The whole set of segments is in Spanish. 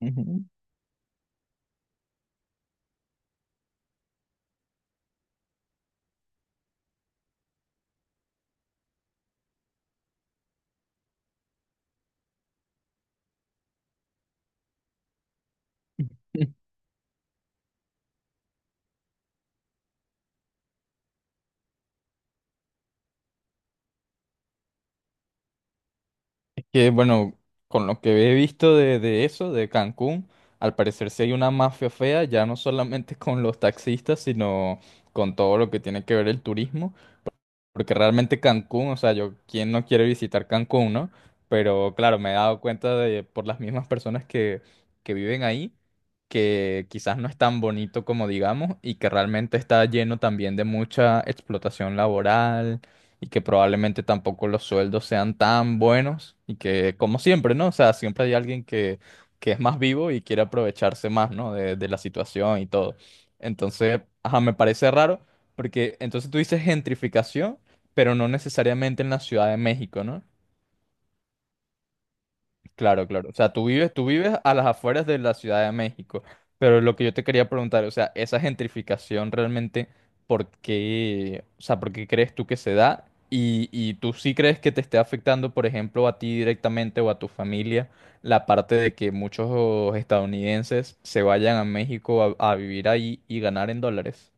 Ujú. Es que, bueno, con lo que he visto de eso, de Cancún, al parecer sí hay una mafia fea, ya no solamente con los taxistas, sino con todo lo que tiene que ver el turismo. Porque realmente Cancún, o sea, yo, ¿quién no quiere visitar Cancún, no? Pero claro, me he dado cuenta de, por las mismas personas que viven ahí, que quizás no es tan bonito como digamos y que realmente está lleno también de mucha explotación laboral y que probablemente tampoco los sueldos sean tan buenos y que, como siempre, ¿no? O sea, siempre hay alguien que es más vivo y quiere aprovecharse más, ¿no? De la situación y todo. Entonces, ajá, me parece raro porque entonces tú dices gentrificación pero no necesariamente en la Ciudad de México, ¿no? Claro, claro. O sea, tú vives a las afueras de la Ciudad de México, pero lo que yo te quería preguntar, o sea, esa gentrificación realmente, ¿por qué, o sea, por qué crees tú que se da? Y tú sí crees que te esté afectando, por ejemplo, a ti directamente o a tu familia, la parte de que muchos estadounidenses se vayan a México a vivir ahí y ganar en dólares.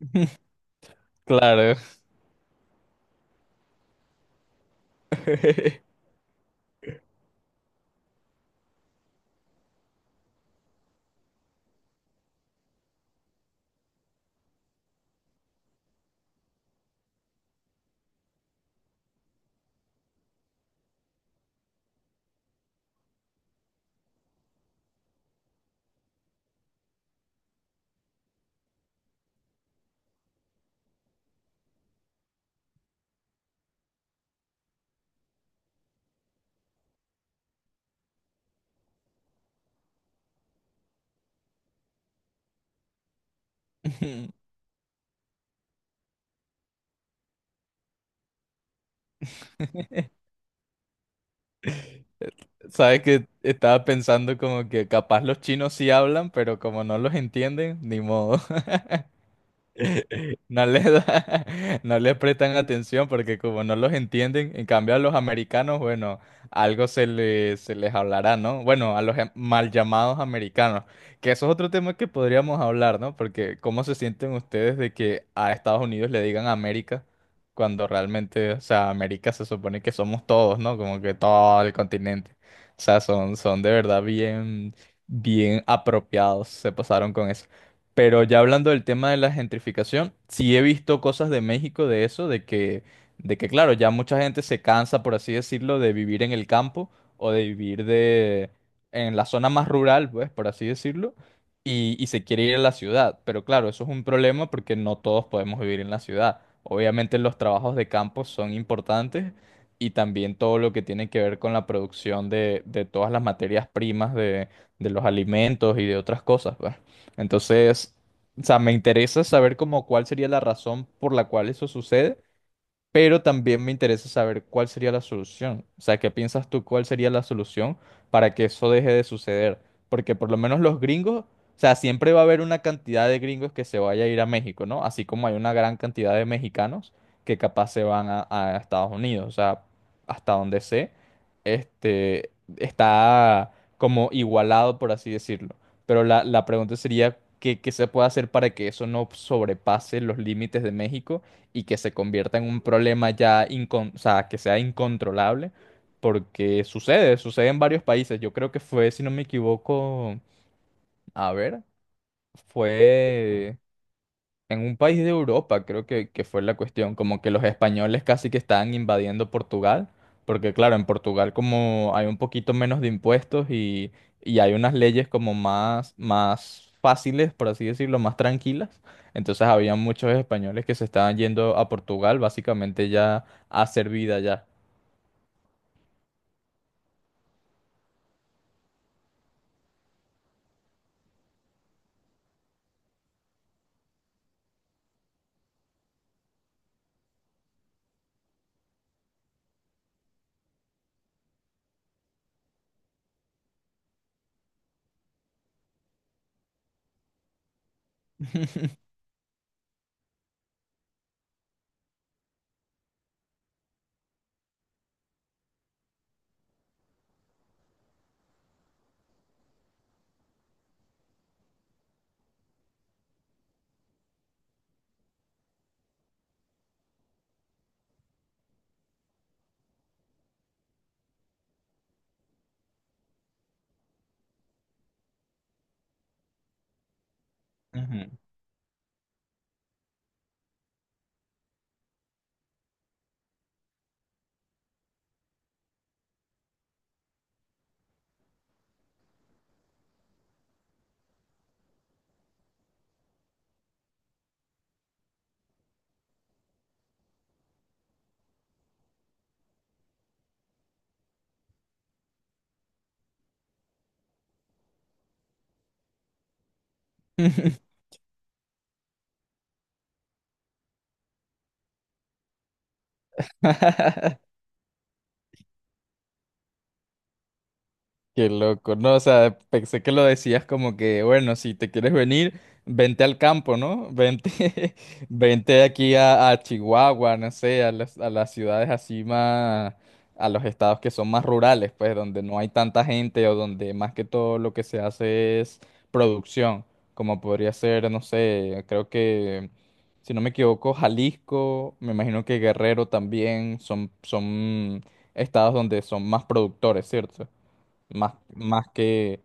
Claro. Sabes que estaba pensando como que capaz los chinos sí hablan, pero como no los entienden, ni modo. No les da- no les prestan atención porque como no los entienden, en cambio a los americanos, bueno, algo se les hablará, ¿no? Bueno, a los mal llamados americanos, que eso es otro tema que podríamos hablar, ¿no? Porque ¿cómo se sienten ustedes de que a Estados Unidos le digan América cuando realmente, o sea, América se supone que somos todos, ¿no? Como que todo el continente. O sea, son de verdad bien, bien apropiados, se pasaron con eso. Pero ya hablando del tema de la gentrificación, sí he visto cosas de México de eso, de que claro, ya mucha gente se cansa, por así decirlo, de vivir en el campo o de vivir de, en la zona más rural, pues, por así decirlo, y se quiere ir a la ciudad. Pero claro, eso es un problema porque no todos podemos vivir en la ciudad. Obviamente los trabajos de campo son importantes y también todo lo que tiene que ver con la producción de todas las materias primas de los alimentos y de otras cosas, pues. Entonces, o sea, me interesa saber como cuál sería la razón por la cual eso sucede pero también me interesa saber cuál sería la solución. O sea, ¿qué piensas tú cuál sería la solución para que eso deje de suceder? Porque por lo menos los gringos, o sea, siempre va a haber una cantidad de gringos que se vaya a ir a México, ¿no? Así como hay una gran cantidad de mexicanos que capaz se van a Estados Unidos, o sea, hasta donde sé, este, está como igualado, por así decirlo. Pero la pregunta sería, ¿qué, qué se puede hacer para que eso no sobrepase los límites de México? Y que se convierta en un problema ya, o sea, que sea incontrolable, porque sucede, sucede en varios países. Yo creo que fue, si no me equivoco, a ver, fue en un país de Europa, creo que fue la cuestión, como que los españoles casi que estaban invadiendo Portugal, porque claro, en Portugal como hay un poquito menos de impuestos y hay unas leyes como más, más fáciles, por así decirlo, más tranquilas, entonces había muchos españoles que se estaban yendo a Portugal básicamente ya a hacer vida ya. Ujú. Qué loco, no, o sea, pensé que lo decías como que, bueno, si te quieres venir, vente al campo, ¿no? Vente, vente aquí a Chihuahua, no sé, a las ciudades así más, a los estados que son más rurales, pues, donde no hay tanta gente o donde más que todo lo que se hace es producción, como podría ser, no sé, creo que, si no me equivoco, Jalisco, me imagino que Guerrero también son estados donde son más productores, ¿cierto? Más, más que,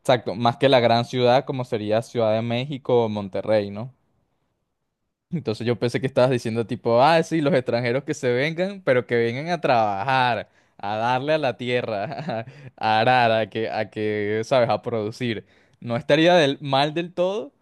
exacto, más que la gran ciudad como sería Ciudad de México o Monterrey, ¿no? Entonces yo pensé que estabas diciendo tipo, ah, sí, los extranjeros que se vengan, pero que vengan a trabajar, a darle a la tierra, a arar, a que, ¿sabes? A producir. No estaría del, mal del todo,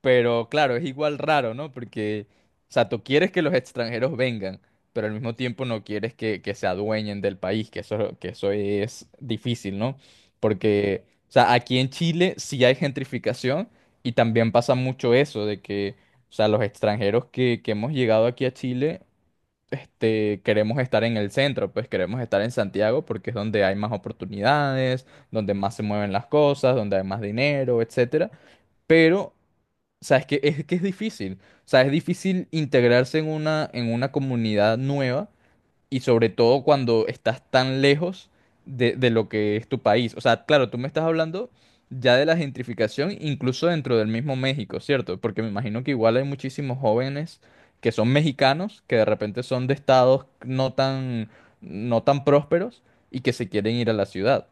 pero claro, es igual raro, ¿no? Porque, o sea, tú quieres que los extranjeros vengan, pero al mismo tiempo no quieres que se adueñen del país, que eso es difícil, ¿no? Porque, o sea, aquí en Chile sí hay gentrificación y también pasa mucho eso de que, o sea, los extranjeros que hemos llegado aquí a Chile, este, queremos estar en el centro, pues queremos estar en Santiago porque es donde hay más oportunidades, donde más se mueven las cosas, donde hay más dinero, etcétera. Pero o sea, es que es difícil. O sea, es difícil integrarse en una comunidad nueva y sobre todo cuando estás tan lejos de lo que es tu país. O sea, claro, tú me estás hablando ya de la gentrificación incluso dentro del mismo México, ¿cierto? Porque me imagino que igual hay muchísimos jóvenes que son mexicanos, que de repente son de estados no tan, no tan prósperos y que se quieren ir a la ciudad.